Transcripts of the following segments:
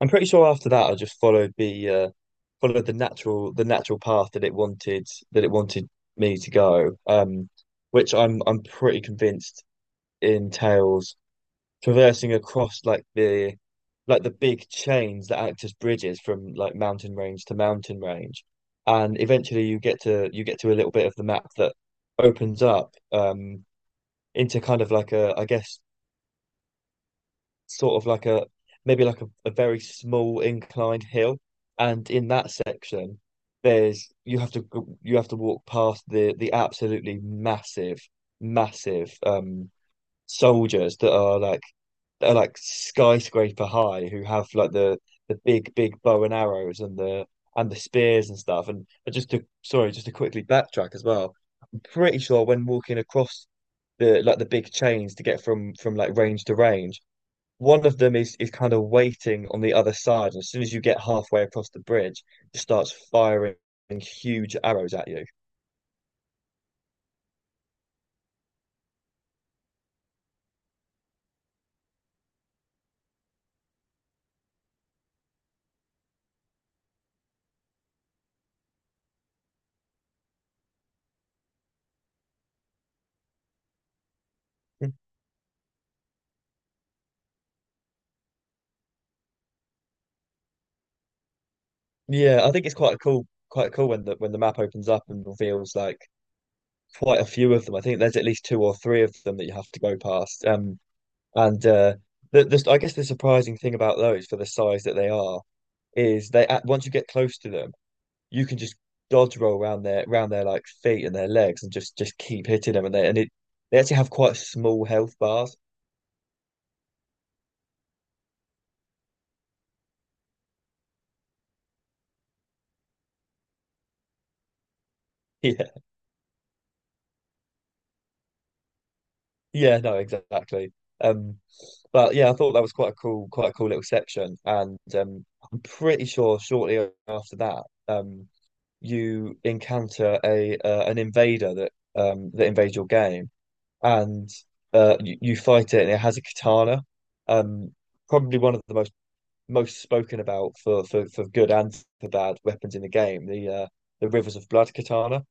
I'm pretty sure after that I just followed the followed the natural path that it wanted me to go. Which I'm pretty convinced entails traversing across like the big chains that act as bridges from like mountain range to mountain range. And eventually you get to a little bit of the map that opens up into kind of like a, I guess, sort of like a, maybe like a very small inclined hill, and in that section, there's you have to go- you have to walk past the absolutely massive, massive soldiers that are like skyscraper high who have like the big big bow and arrows and the spears and stuff. And just to Sorry, just to quickly backtrack as well, I'm pretty sure when walking across the like the big chains to get from like range to range, one of them is kind of waiting on the other side. And as soon as you get halfway across the bridge, it starts firing huge arrows at you. Yeah, I think it's quite cool when the map opens up and reveals like quite a few of them. I think there's at least two or three of them that you have to go past. And the I guess the surprising thing about those for the size that they are is they, at once you get close to them, you can just dodge roll around their like feet and their legs and just keep hitting them and they and it they actually have quite small health bars. Yeah, yeah, no, exactly. Um, but Yeah, I thought that was quite a cool little section, and, I'm pretty sure shortly after that, um, you encounter a an invader that invades your game, and you fight it, and it has a katana, um, probably one of the most spoken about, for for good and for bad, weapons in the game, the Rivers of Blood katana.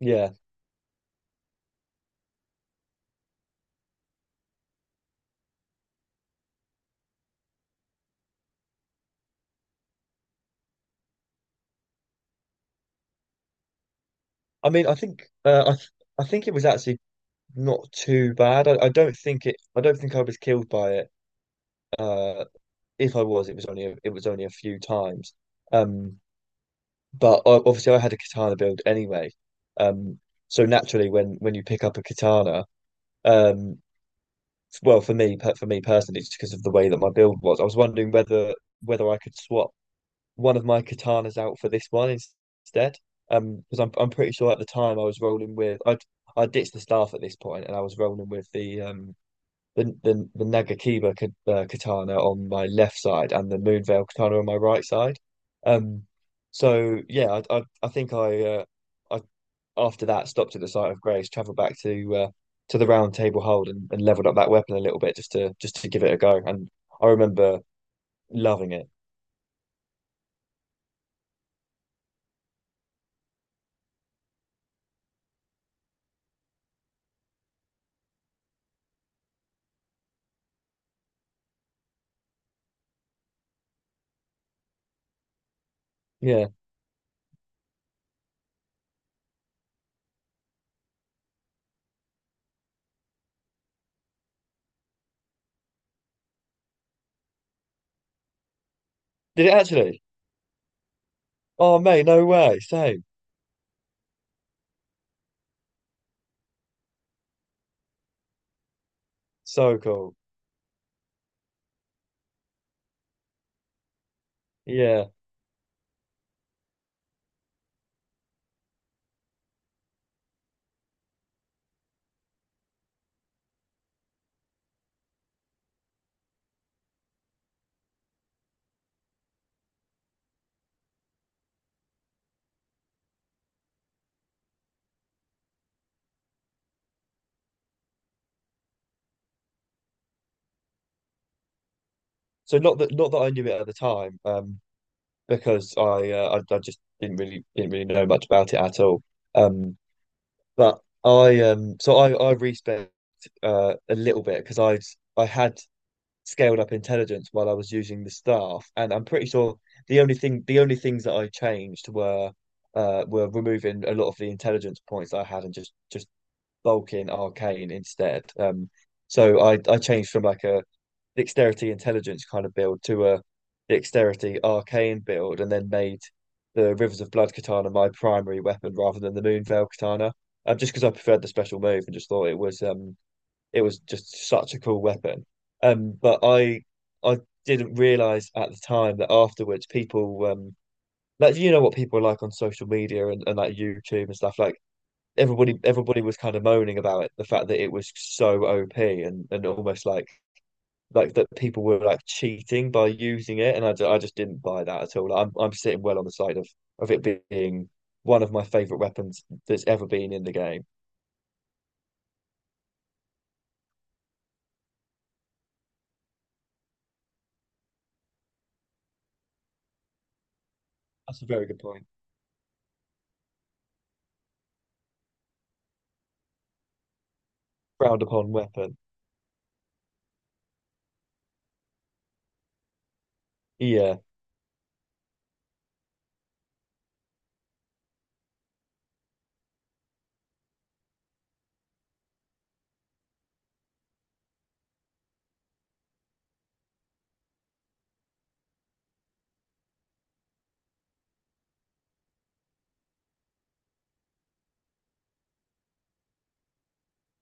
Yeah, I mean, I think uh, I th I think it was actually not too bad. I don't think it. I don't think I was killed by it. Uh, if I was, it was only a few times. Um, but obviously, I had a katana build anyway. Um, so naturally, when you pick up a katana, um, well, for me personally, it's because of the way that my build was. I was wondering whether I could swap one of my katanas out for this one instead. Because I'm pretty sure at the time I was rolling with I ditched the staff at this point and I was rolling with the Nagakiba katana on my left side and the Moonveil katana on my right side. Um, so yeah, I think I after that stopped at the site of Grace, travelled back to the Round Table Hold and leveled up that weapon a little bit, just to give it a go, and I remember loving it. Yeah, did it actually? Oh mate, no way. Same. So cool. Yeah. So not that I knew it at the time, because I just didn't really know much about it at all. Um, but I so I respec a little bit because I had scaled up intelligence while I was using the staff, and I'm pretty sure the only things that I changed were removing a lot of the intelligence points that I had and just bulking arcane instead. So I changed from like a dexterity intelligence kind of build to a dexterity arcane build, and then made the Rivers of Blood katana my primary weapon rather than the Moonveil katana. Just because I preferred the special move and just thought it was just such a cool weapon. But I didn't realize at the time that afterwards people like, you know what people are like on social media and like YouTube and stuff, like everybody was kind of moaning about it, the fact that it was so OP and almost like that people were like cheating by using it, and I just didn't buy that at all. I'm sitting well on the side of it being one of my favorite weapons that's ever been in the game. That's a very good point. Frowned upon weapon. Yeah.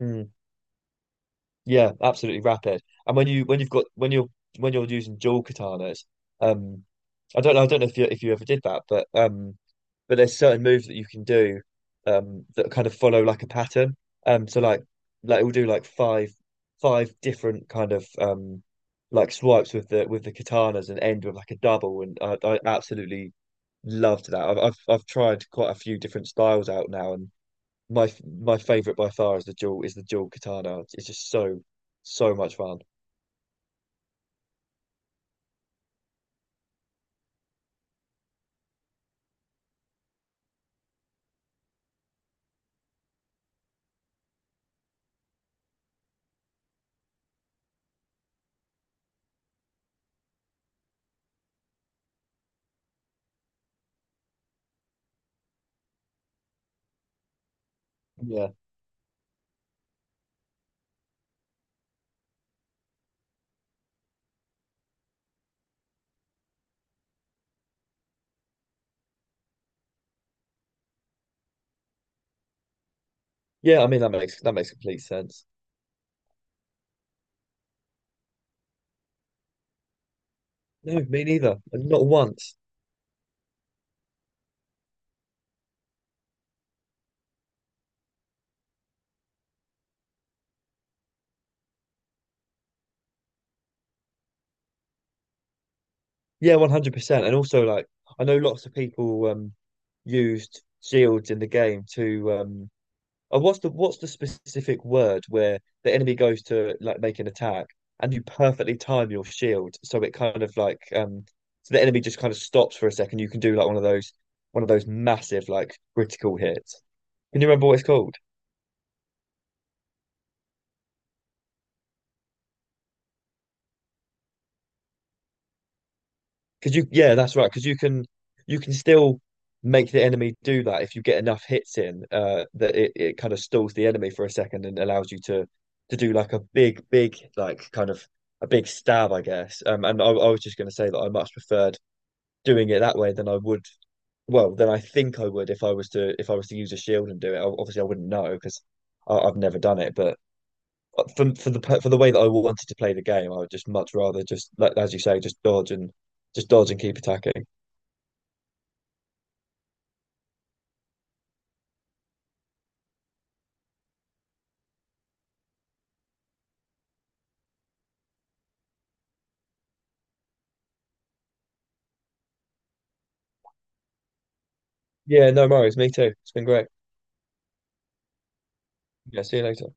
Hmm. Yeah, absolutely rapid. And when you're using dual katanas, um, I don't know if you ever did that, but there's certain moves that you can do, that kind of follow like a pattern. So like it will do like five different kind of like swipes with the katanas and end with like a double, and I absolutely loved that. I've tried quite a few different styles out now, and my my favorite by far is the dual katana. It's just so so much fun. Yeah, yeah. I mean that makes complete sense. No, me neither. Not once. Yeah, 100%. And also, like, I know lots of people used shields in the game to. Oh, what's the specific word where the enemy goes to like make an attack and you perfectly time your shield so it kind of so the enemy just kind of stops for a second. You can do like one of those massive like critical hits. Can you remember what it's called? Because you, yeah, that's right. Because you can still make the enemy do that if you get enough hits in. That it, it kind of stalls the enemy for a second and allows you to do like a big, big, like kind of a big stab, I guess. And I was just going to say that I much preferred doing it that way than I would. Well, than I think I would if I was to use a shield and do it. Obviously, I wouldn't know because I've never done it, but. For for the way that I wanted to play the game, I would just much rather, just, like as you say, just dodge and keep attacking. Yeah, no worries. Me too. It's been great. Yeah, see you later.